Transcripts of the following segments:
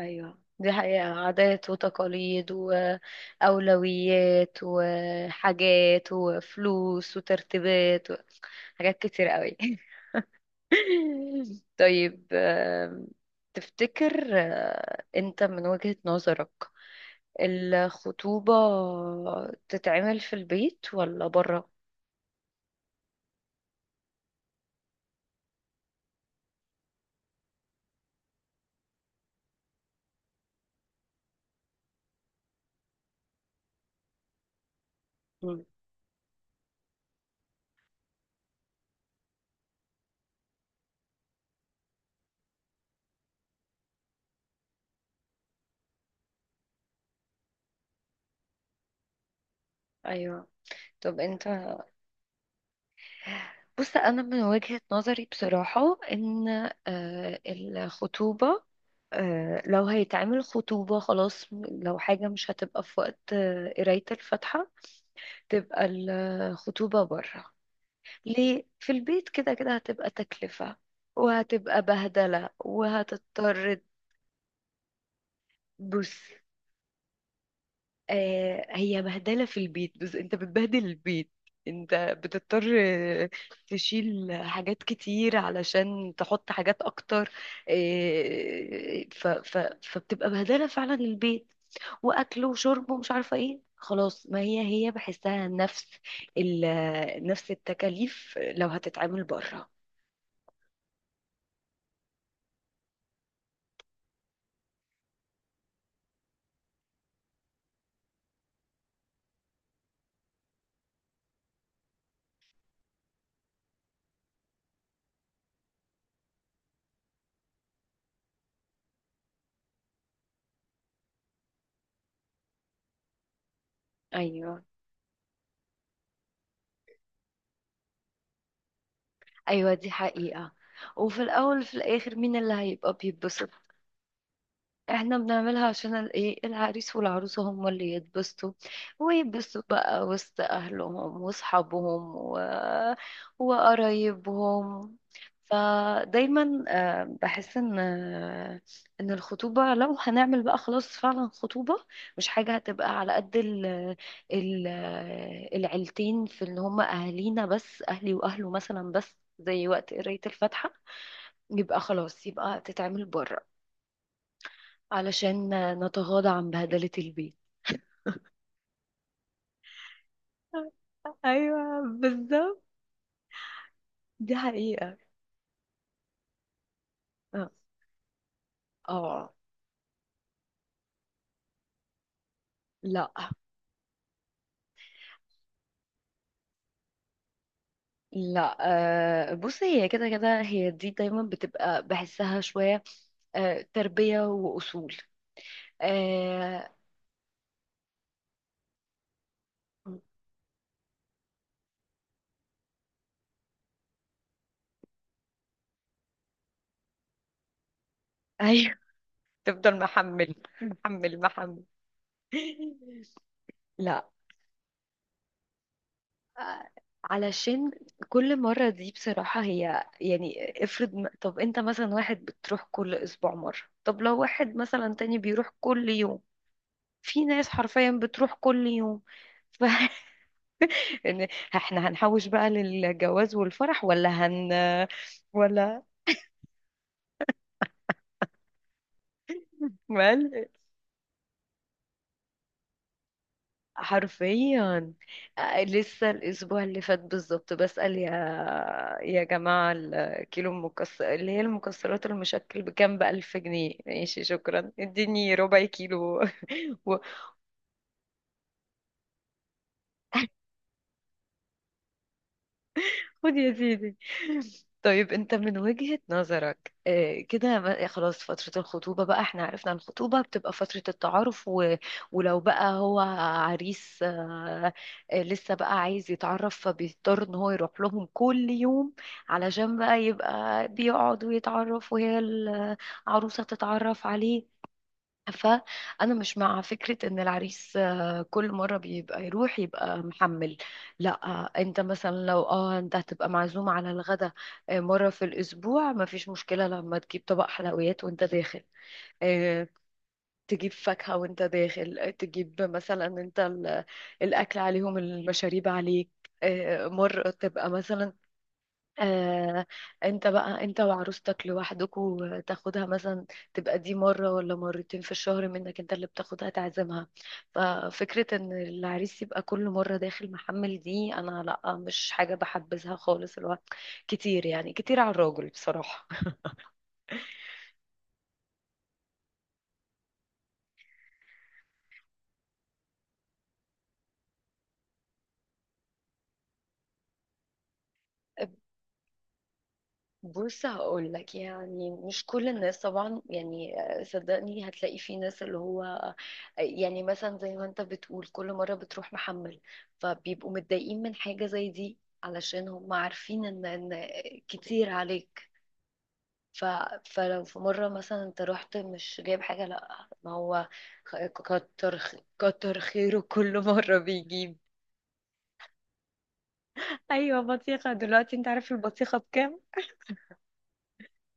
ايوه، دي حقيقة. عادات وتقاليد وأولويات وحاجات وفلوس وترتيبات حاجات كتير قوي. طيب، تفتكر، انت من وجهة نظرك الخطوبة تتعمل في البيت ولا بره؟ مم. ايوه، طب انت. بص، انا من وجهة نظري بصراحة ان الخطوبة، لو هيتعمل خطوبة خلاص، لو حاجة مش هتبقى في وقت قراية الفاتحة، تبقى الخطوبة بره. ليه؟ في البيت كده كده هتبقى تكلفة، وهتبقى بهدلة، وهتضطر. بص، هي بهدلة في البيت، بس انت بتبهدل البيت. انت بتضطر تشيل حاجات كتير علشان تحط حاجات اكتر. ف ف فبتبقى بهدلة فعلا البيت، واكل وشرب ومش عارفة ايه، خلاص. ما هي بحسها نفس نفس التكاليف لو هتتعامل بره. ايوه، ايوه، دي حقيقة. وفي الاول في الاخر، مين اللي هيبقى بيتبسط؟ احنا بنعملها عشان ايه، العريس والعروسة هم اللي يتبسطوا، ويتبسطوا بقى وسط اهلهم واصحابهم وقرايبهم. فدايما بحس ان ان الخطوبة لو هنعمل بقى خلاص فعلا خطوبة، مش حاجة هتبقى على قد ال... العيلتين، في ان هم اهالينا بس، اهلي واهله مثلا بس، زي وقت قراية الفاتحة يبقى خلاص، يبقى تتعمل بره علشان نتغاضى عن بهدلة البيت. ايوه، بالظبط، دي حقيقة. اه. آه، لا، لا. بصي، هي كده كده، هي دي دايما بتبقى، بحسها شوية تربية وأصول. آه، أيوه. تفضل محمل، محمل، محمل. لا، علشان كل مرة دي بصراحة هي، يعني افرض، طب انت مثلا واحد بتروح كل اسبوع مرة، طب لو واحد مثلا تاني بيروح كل يوم، في ناس حرفيا بتروح كل يوم. ف يعني، احنا هنحوش بقى للجواز والفرح، ولا مال، حرفيا. لسه الاسبوع اللي فات بالظبط بسأل، يا جماعة، الكيلو المكسر اللي هي المكسرات المشكل بكام؟ ب1000 جنيه؟ ماشي، شكرا، اديني ربع كيلو. و خد يا سيدي. طيب، انت من وجهة نظرك، كده، خلاص، فترة الخطوبة بقى احنا عرفنا الخطوبة بتبقى فترة التعارف، ولو بقى هو عريس، لسه بقى عايز يتعرف، فبيضطر ان هو يروح لهم كل يوم علشان بقى يبقى بيقعد ويتعرف، وهي العروسة تتعرف عليه. فأنا مش مع فكرة إن العريس كل مرة بيبقى يروح يبقى محمل. لا، أنت مثلا لو، أنت هتبقى معزوم على الغدا مرة في الأسبوع، مفيش مشكلة لما تجيب طبق حلويات وأنت داخل، آه، تجيب فاكهة وأنت داخل، تجيب مثلا، أنت الأكل عليهم، المشاريب عليك. مرة تبقى مثلا، آه انت بقى، انت وعروستك لوحدكوا تاخدها مثلا، تبقى دي مرة ولا مرتين في الشهر منك انت اللي بتاخدها تعزمها. ففكرة ان العريس يبقى كل مرة داخل محمل دي، انا لا، مش حاجة بحبذها خالص. الوقت كتير، يعني كتير على الراجل بصراحة. بص، هقول لك، يعني مش كل الناس طبعا، يعني صدقني هتلاقي في ناس اللي هو يعني مثلا زي ما انت بتقول كل مرة بتروح محمل، فبيبقوا متضايقين من حاجة زي دي، علشان هم عارفين ان كتير عليك. ف... فلو في مرة مثلا انت رحت مش جايب حاجة، لا، ما هو، خ- كتر كتر خيره كل مرة بيجيب. ايوه، بطيخه دلوقتي انت عارف البطيخه بكام؟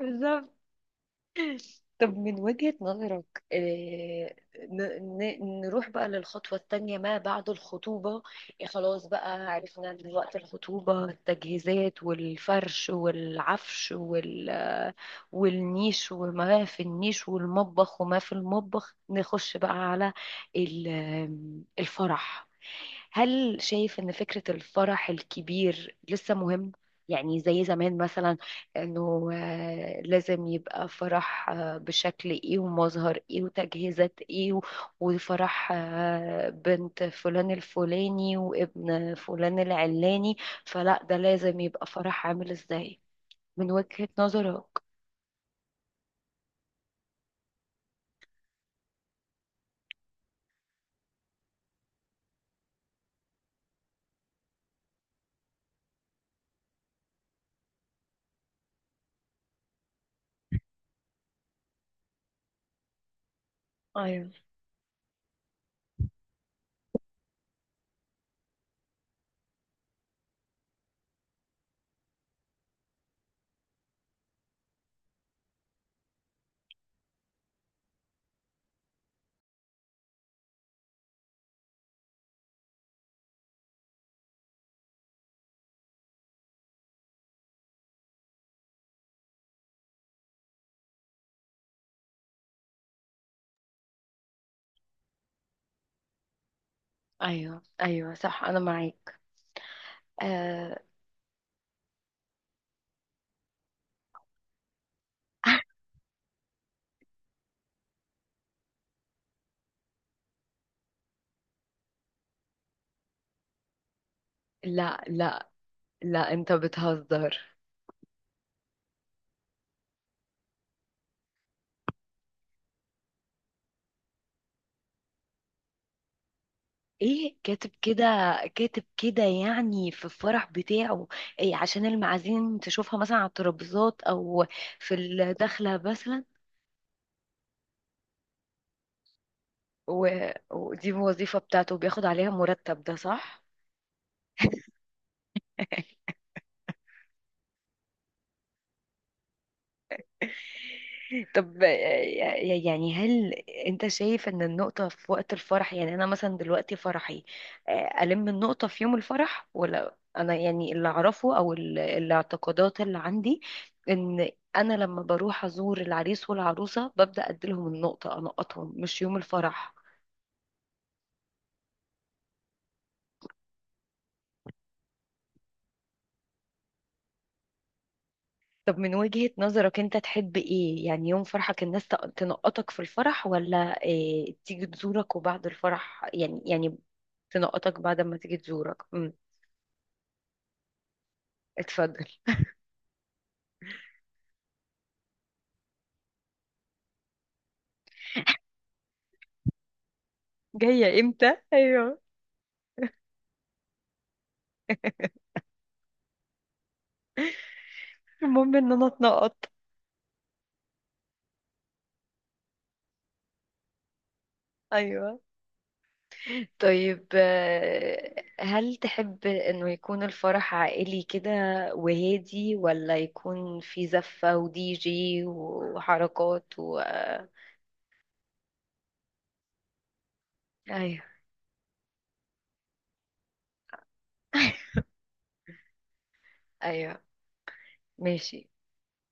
بالظبط. طب من وجهة نظرك، نروح بقى للخطوة التانية ما بعد الخطوبة. إيه، خلاص بقى عرفنا دلوقتي الخطوبة، التجهيزات والفرش والعفش، والنيش وما في النيش، والمطبخ وما في المطبخ. نخش بقى على الفرح. هل شايف إن فكرة الفرح الكبير لسه مهم؟ يعني زي زمان مثلا، انه لازم يبقى فرح بشكل ايه، ومظهر ايه، وتجهيزات ايه، وفرح بنت فلان الفلاني وابن فلان العلاني، فلا، ده لازم يبقى فرح عامل ازاي من وجهة نظرك؟ ايوه، ايوه، ايوه، صح، انا معاك. آه لا، لا، لا، انت بتهزر. ايه، كاتب كده؟ كاتب كده يعني في الفرح بتاعه؟ إيه، عشان المعازيم تشوفها مثلا على الترابيزات او في الدخلة مثلا، و... ودي الوظيفة بتاعته، بياخد عليها مرتب، ده صح؟ طب، يعني هل انت شايف ان النقطة في وقت الفرح، يعني انا مثلا دلوقتي فرحي، الم النقطة في يوم الفرح، ولا انا يعني اللي اعرفه او الاعتقادات اللي عندي ان انا لما بروح ازور العريس والعروسة ببدأ اديلهم النقطة، انقطهم مش يوم الفرح. طب من وجهة نظرك انت تحب ايه؟ يعني يوم فرحك، الناس تنقطك في الفرح، ولا تيجي تزورك وبعد الفرح؟ يعني تنقطك بعد ما تيجي تزورك. اتفضل. جاية امتى؟ ايوه. المهم ان انا اتنقط. ايوه، طيب، هل تحب انه يكون الفرح عائلي كده وهادي، ولا يكون في زفة ودي جي وحركات ايوه. ايوه، ماشي.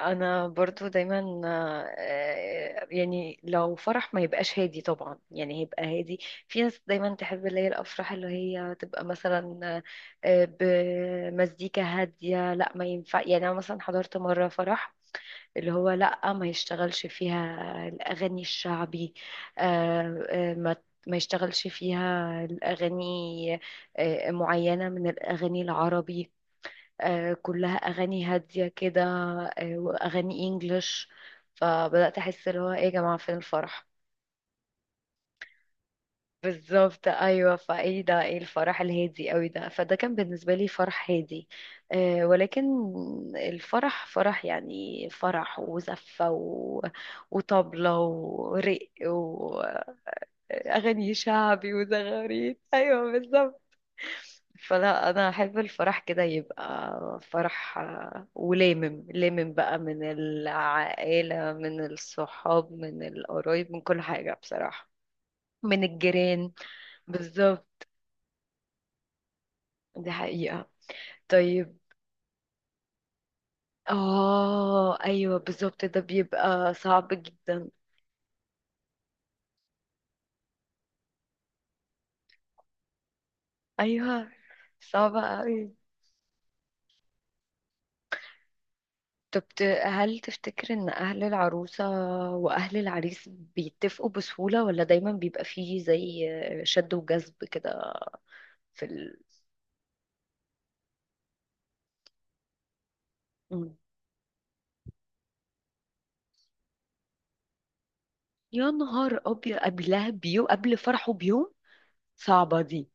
انا برضو دايما يعني لو فرح ما يبقاش هادي طبعا، يعني هيبقى هادي. في ناس دايما تحب اللي هي الافراح اللي هي تبقى مثلا آه، بمزيكا هاديه، لا، ما ينفع. يعني انا مثلا حضرت مره فرح، اللي هو لا، ما يشتغلش فيها الاغاني الشعبي، آه، آه، ما ما يشتغلش فيها الأغاني، معينة من الأغاني العربي، كلها اغاني هاديه كده، واغاني انجلش. فبدات احس اللي هو ايه، يا جماعه، فين الفرح؟ بالظبط، ايوه. فايه ده، ايه الفرح الهادي قوي ده؟ فده كان بالنسبه لي فرح هادي، ولكن الفرح فرح، يعني فرح وزفه وطبله ورق واغاني شعبي وزغاريد، ايوه، بالظبط. فلا، انا احب الفرح كده، يبقى فرح ولامم لامم بقى من العائلة، من الصحاب، من القرايب، من كل حاجة بصراحة، من الجيران. بالظبط، دي حقيقة. طيب. اه، ايوه، بالظبط، ده بيبقى صعب جدا. ايوه، صعب قوي. طب، هل تفتكر ان اهل العروسة واهل العريس بيتفقوا بسهولة، ولا دايما بيبقى فيه زي شد وجذب كده في ال... مم. يا نهار ابيض، قبلها بيوم، قبل فرحه بيوم. صعبة دي.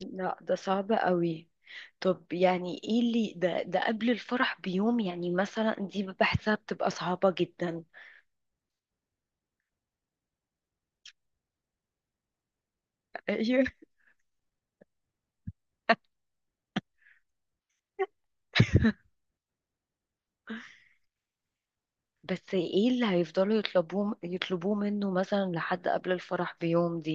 لا، ده صعب قوي. طب، يعني ايه اللي ده قبل الفرح بيوم، يعني مثلا دي بحسها بتبقى صعبة جدا. ايوه، بس ايه اللي هيفضلوا يطلبوه، منه مثلا لحد قبل الفرح بيوم دي؟